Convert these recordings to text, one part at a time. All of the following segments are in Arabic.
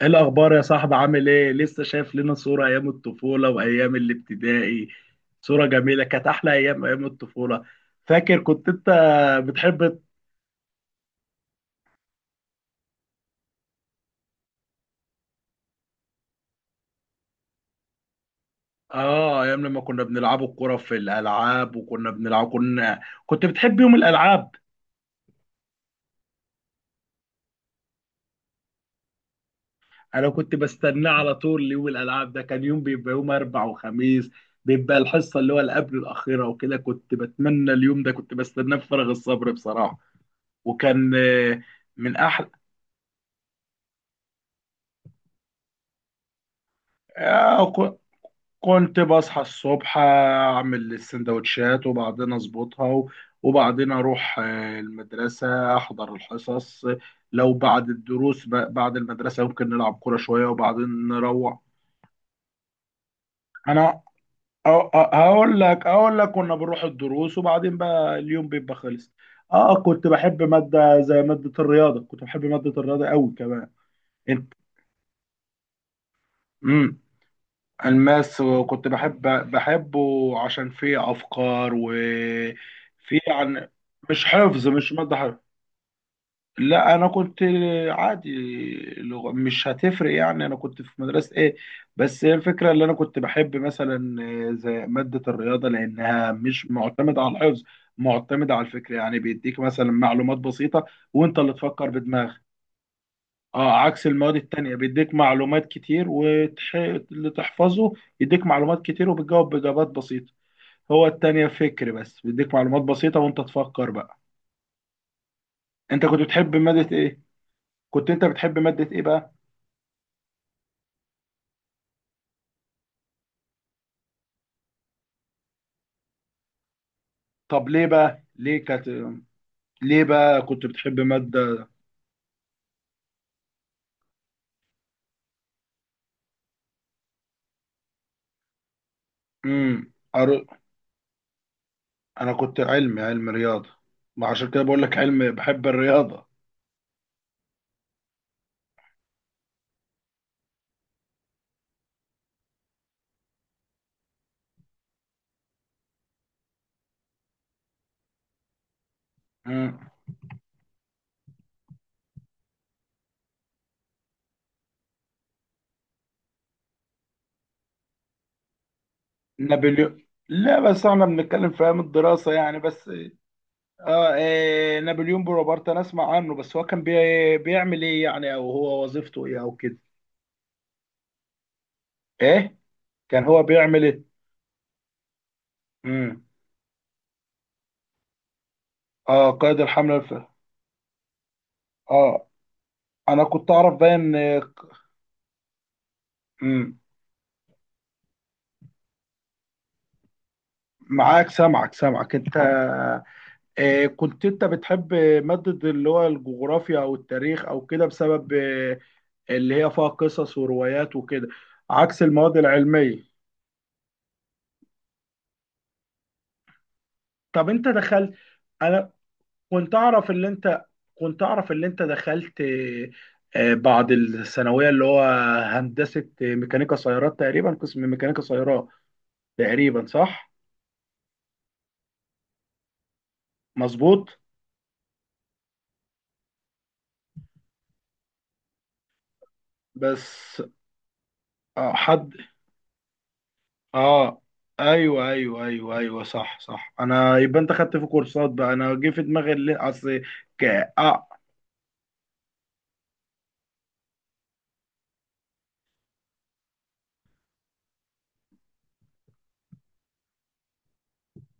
ايه الاخبار يا صاحبي؟ عامل ايه؟ لسه شايف لنا صورة ايام الطفولة وايام الابتدائي. صورة جميلة، كانت احلى ايام، ايام الطفولة. فاكر كنت انت بتحب؟ اه ايام لما كنا بنلعب الكرة في الالعاب، وكنا بنلعب كنت بتحب يوم الالعاب. انا كنت بستناه على طول، يوم الالعاب ده كان يوم، بيبقى يوم اربع وخميس، بيبقى الحصة اللي قبل الاخيرة، وكده كنت بتمنى اليوم ده، كنت بستناه بفارغ الصبر بصراحة. وكان، من احلى. آه، كنت بصحى الصبح، اعمل السندوتشات، وبعدين اظبطها، وبعدين اروح المدرسه، احضر الحصص. لو بعد الدروس، بعد المدرسه ممكن نلعب كوره شويه، وبعدين نروح. انا أ- أ- هقول لك اقول لك، كنا بنروح الدروس، وبعدين بقى اليوم بيبقى خلص. اه، كنت بحب ماده زي ماده الرياضه، كنت بحب ماده الرياضه قوي كمان. انت الماس، وكنت بحبه. عشان فيه افكار، وفيه عن، مش ماده حفظ. لا، انا كنت عادي، لغة مش هتفرق يعني، انا كنت في مدرسه ايه، بس هي الفكره اللي انا كنت بحب، مثلا زي ماده الرياضه لانها مش معتمده على الحفظ، معتمده على الفكر. يعني بيديك مثلا معلومات بسيطه، وانت اللي تفكر بدماغك. اه، عكس المواد التانية، بيديك معلومات كتير واللي تحفظه، يديك معلومات كتير، وبتجاوب بإجابات بسيطة. هو التانية فكر بس، بيديك معلومات بسيطة وانت تفكر بقى. انت كنت بتحب مادة ايه؟ كنت انت بتحب مادة ايه بقى؟ طب ليه بقى؟ ليه كانت؟ ليه بقى كنت بتحب مادة؟ امم أر... انا كنت علمي، علم رياضة، ما عشان كده بقول لك علم بحب الرياضة. امم. نابليون؟ لا بس احنا بنتكلم في ايام الدراسة يعني، بس اه، إيه نابليون بونابرت؟ انا اسمع عنه بس، هو كان بيعمل ايه يعني، او هو وظيفته ايه او كده، ايه؟ كان هو بيعمل ايه؟ امم اه، قائد الحملة الف... اه، انا كنت اعرف باين. امم. معاك، سامعك سامعك انت. إيه، كنت انت بتحب مادة اللي هو الجغرافيا او التاريخ او كده، بسبب اللي هي فيها قصص وروايات وكده، عكس المواد العلمية. طب انت دخلت؟ انا كنت اعرف اللي انت كنت اعرف اللي انت دخلت بعد الثانويه، اللي هو هندسه ميكانيكا سيارات تقريبا، قسم ميكانيكا سيارات تقريبا، صح؟ مظبوط؟ بس آه، حد اه، ايوه ايوه ايوه ايوه، صح صح، انا يبقى انت خدت في كورسات بقى، انا جه في دماغي اللي اصل. ك... آه.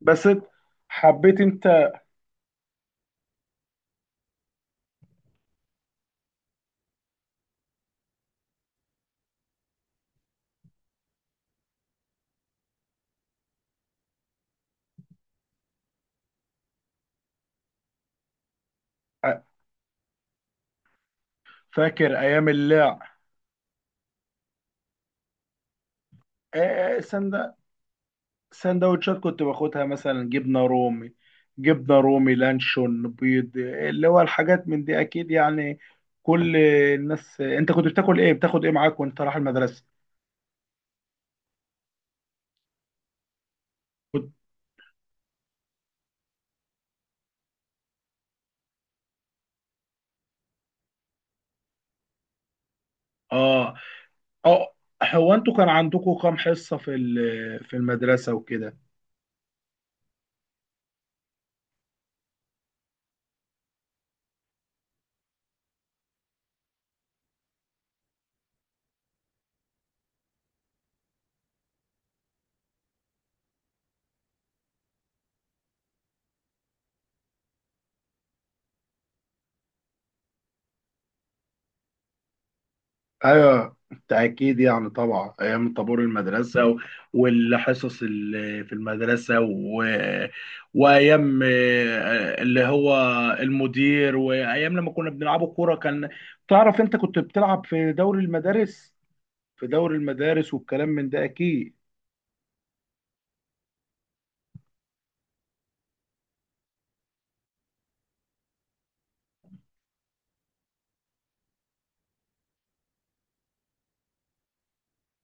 بس حبيت انت. آه، فاكر ايام اللعب؟ آه، سند سندوتشات كنت باخدها، مثلا جبنه رومي، جبنه رومي لانشون بيض، اللي هو الحاجات من دي اكيد يعني، كل الناس. انت كنت بتاكل ايه؟ بتاخد ايه معاك وانت رايح المدرسه؟ كنت... اه، اه. هو انتوا كان عندكم كام حصه في في المدرسه وكده؟ ايوه بالتاكيد يعني، طبعا ايام طابور المدرسه، والحصص اللي في المدرسه، و... وايام اللي هو المدير، وايام لما كنا بنلعبوا كوره. كان تعرف انت كنت بتلعب في دوري المدارس؟ في دوري المدارس والكلام من ده اكيد.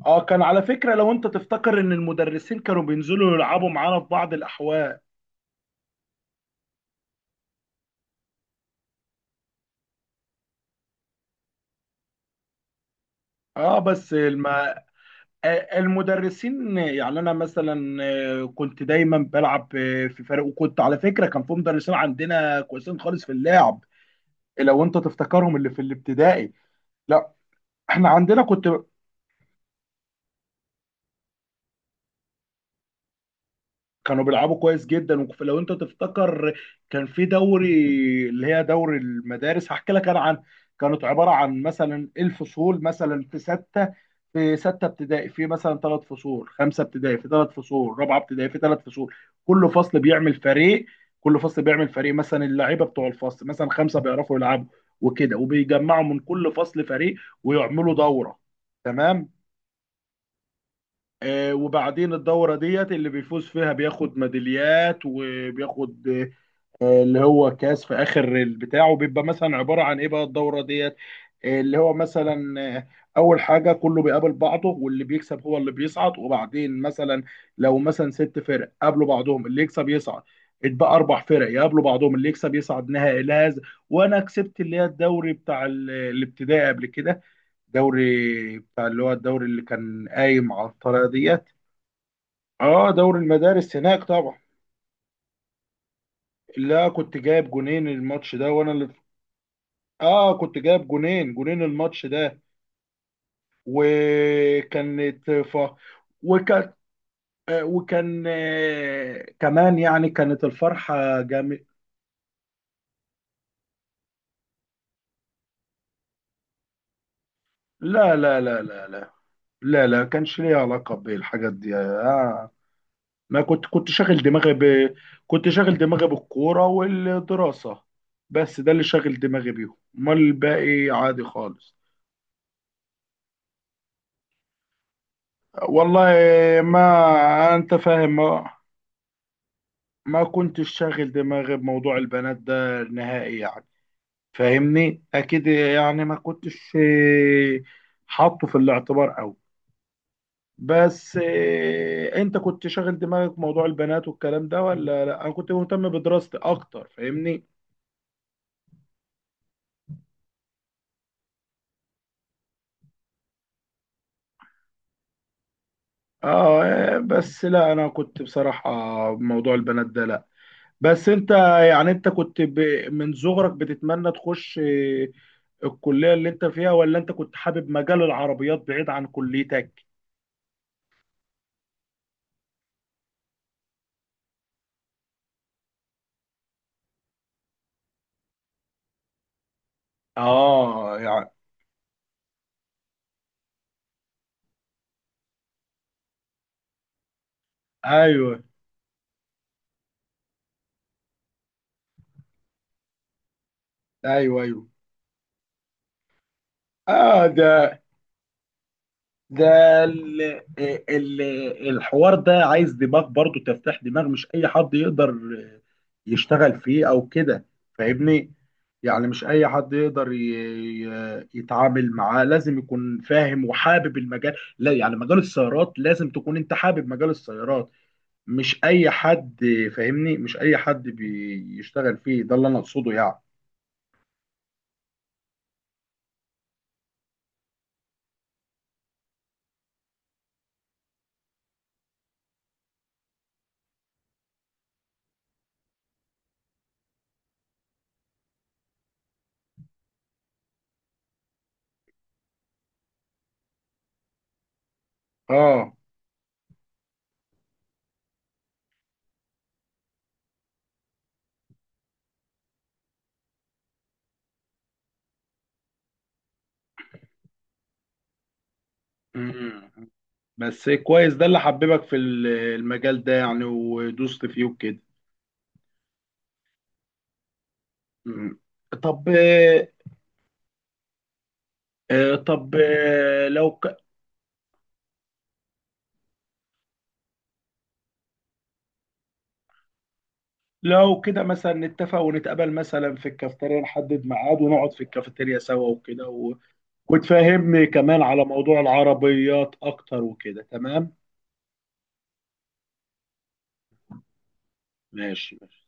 اه، كان على فكره، لو انت تفتكر ان المدرسين كانوا بينزلوا يلعبوا معانا في بعض الاحوال. اه بس الم... المدرسين، يعني انا مثلا كنت دايما بلعب في فريق، وكنت على فكره كان في مدرسين عندنا كويسين خالص في اللعب، لو انت تفتكرهم اللي في الابتدائي. لا، احنا عندنا كنت، كانوا بيلعبوا كويس جدا، ولو انت تفتكر كان في دوري، اللي هي دوري المدارس هحكي لك انا عن. كانت عباره عن مثلا الفصول، مثلا في سته، في سته ابتدائي في مثلا ثلاث فصول، خمسه ابتدائي في ثلاث فصول، رابعه ابتدائي في ثلاث فصول، كل فصل بيعمل فريق، كل فصل بيعمل فريق، مثلا اللعيبه بتوع الفصل مثلا خمسه بيعرفوا يلعبوا وكده، وبيجمعوا من كل فصل فريق، ويعملوا دوره. تمام. وبعدين الدورة ديت اللي بيفوز فيها بياخد ميداليات، وبياخد اللي هو كاس في آخر البتاع، وبيبقى مثلا عبارة عن إيه بقى الدورة ديت، آه، اللي هو مثلا آه، أول حاجة كله بيقابل بعضه، واللي بيكسب هو اللي بيصعد. وبعدين مثلا لو مثلا ست فرق قابلوا بعضهم، اللي يكسب يصعد، اتبقى أربع فرق يقابلوا بعضهم، اللي يكسب يصعد نهائي لهذا. وأنا كسبت اللي هي الدوري بتاع الابتدائي قبل كده، دوري بتاع اللي هو الدوري اللي كان قايم على الطريقة ديت. اه، دوري المدارس هناك طبعا. لا، كنت جايب جونين الماتش ده، وانا اللي، اه كنت جايب جونين، جونين الماتش ده. وكانت ف... وكان آه، وكان آه، كمان يعني، كانت الفرحة جامد. لا لا لا لا لا، لا لا كانش ليها علاقة بالحاجات دي آه. ما كنت كنت شاغل دماغي ب... كنت شاغل دماغي بالكورة والدراسة، بس ده اللي شاغل دماغي بيهم، امال الباقي عادي خالص. والله ما انت فاهم ما، ما كنتش شاغل دماغي بموضوع البنات ده نهائي يعني، فاهمني اكيد يعني، ما كنتش حاطه في الاعتبار قوي. بس انت كنت شاغل دماغك بموضوع البنات والكلام ده، ولا لا، انا كنت مهتم بدراستي اكتر، فاهمني؟ اه، بس لا، انا كنت بصراحة بموضوع البنات ده لا. بس انت، يعني انت كنت من صغرك بتتمنى تخش الكلية اللي انت فيها، ولا انت كنت حابب مجال العربيات بعيد عن كليتك؟ اه يعني، ايوه ايوه ايوه. اه، ده ده ال ال الحوار ده عايز دماغ برضو، تفتح دماغ، مش اي حد يقدر يشتغل فيه او كده، فاهمني؟ يعني مش اي حد يقدر يتعامل معاه، لازم يكون فاهم وحابب المجال، لا يعني مجال السيارات لازم تكون انت حابب مجال السيارات، مش اي حد. فاهمني؟ مش اي حد بيشتغل فيه، ده اللي انا اقصده يعني. اه. مم. بس كويس، ده اللي حببك في المجال ده يعني، ودوست فيه وكده. مم. طب طب لو كده مثلا نتفق ونتقابل مثلا في الكافتيريا، نحدد ميعاد ونقعد في الكافتيريا سوا وكده، و... وتفهمني كمان على موضوع العربيات اكتر وكده. تمام ماشي.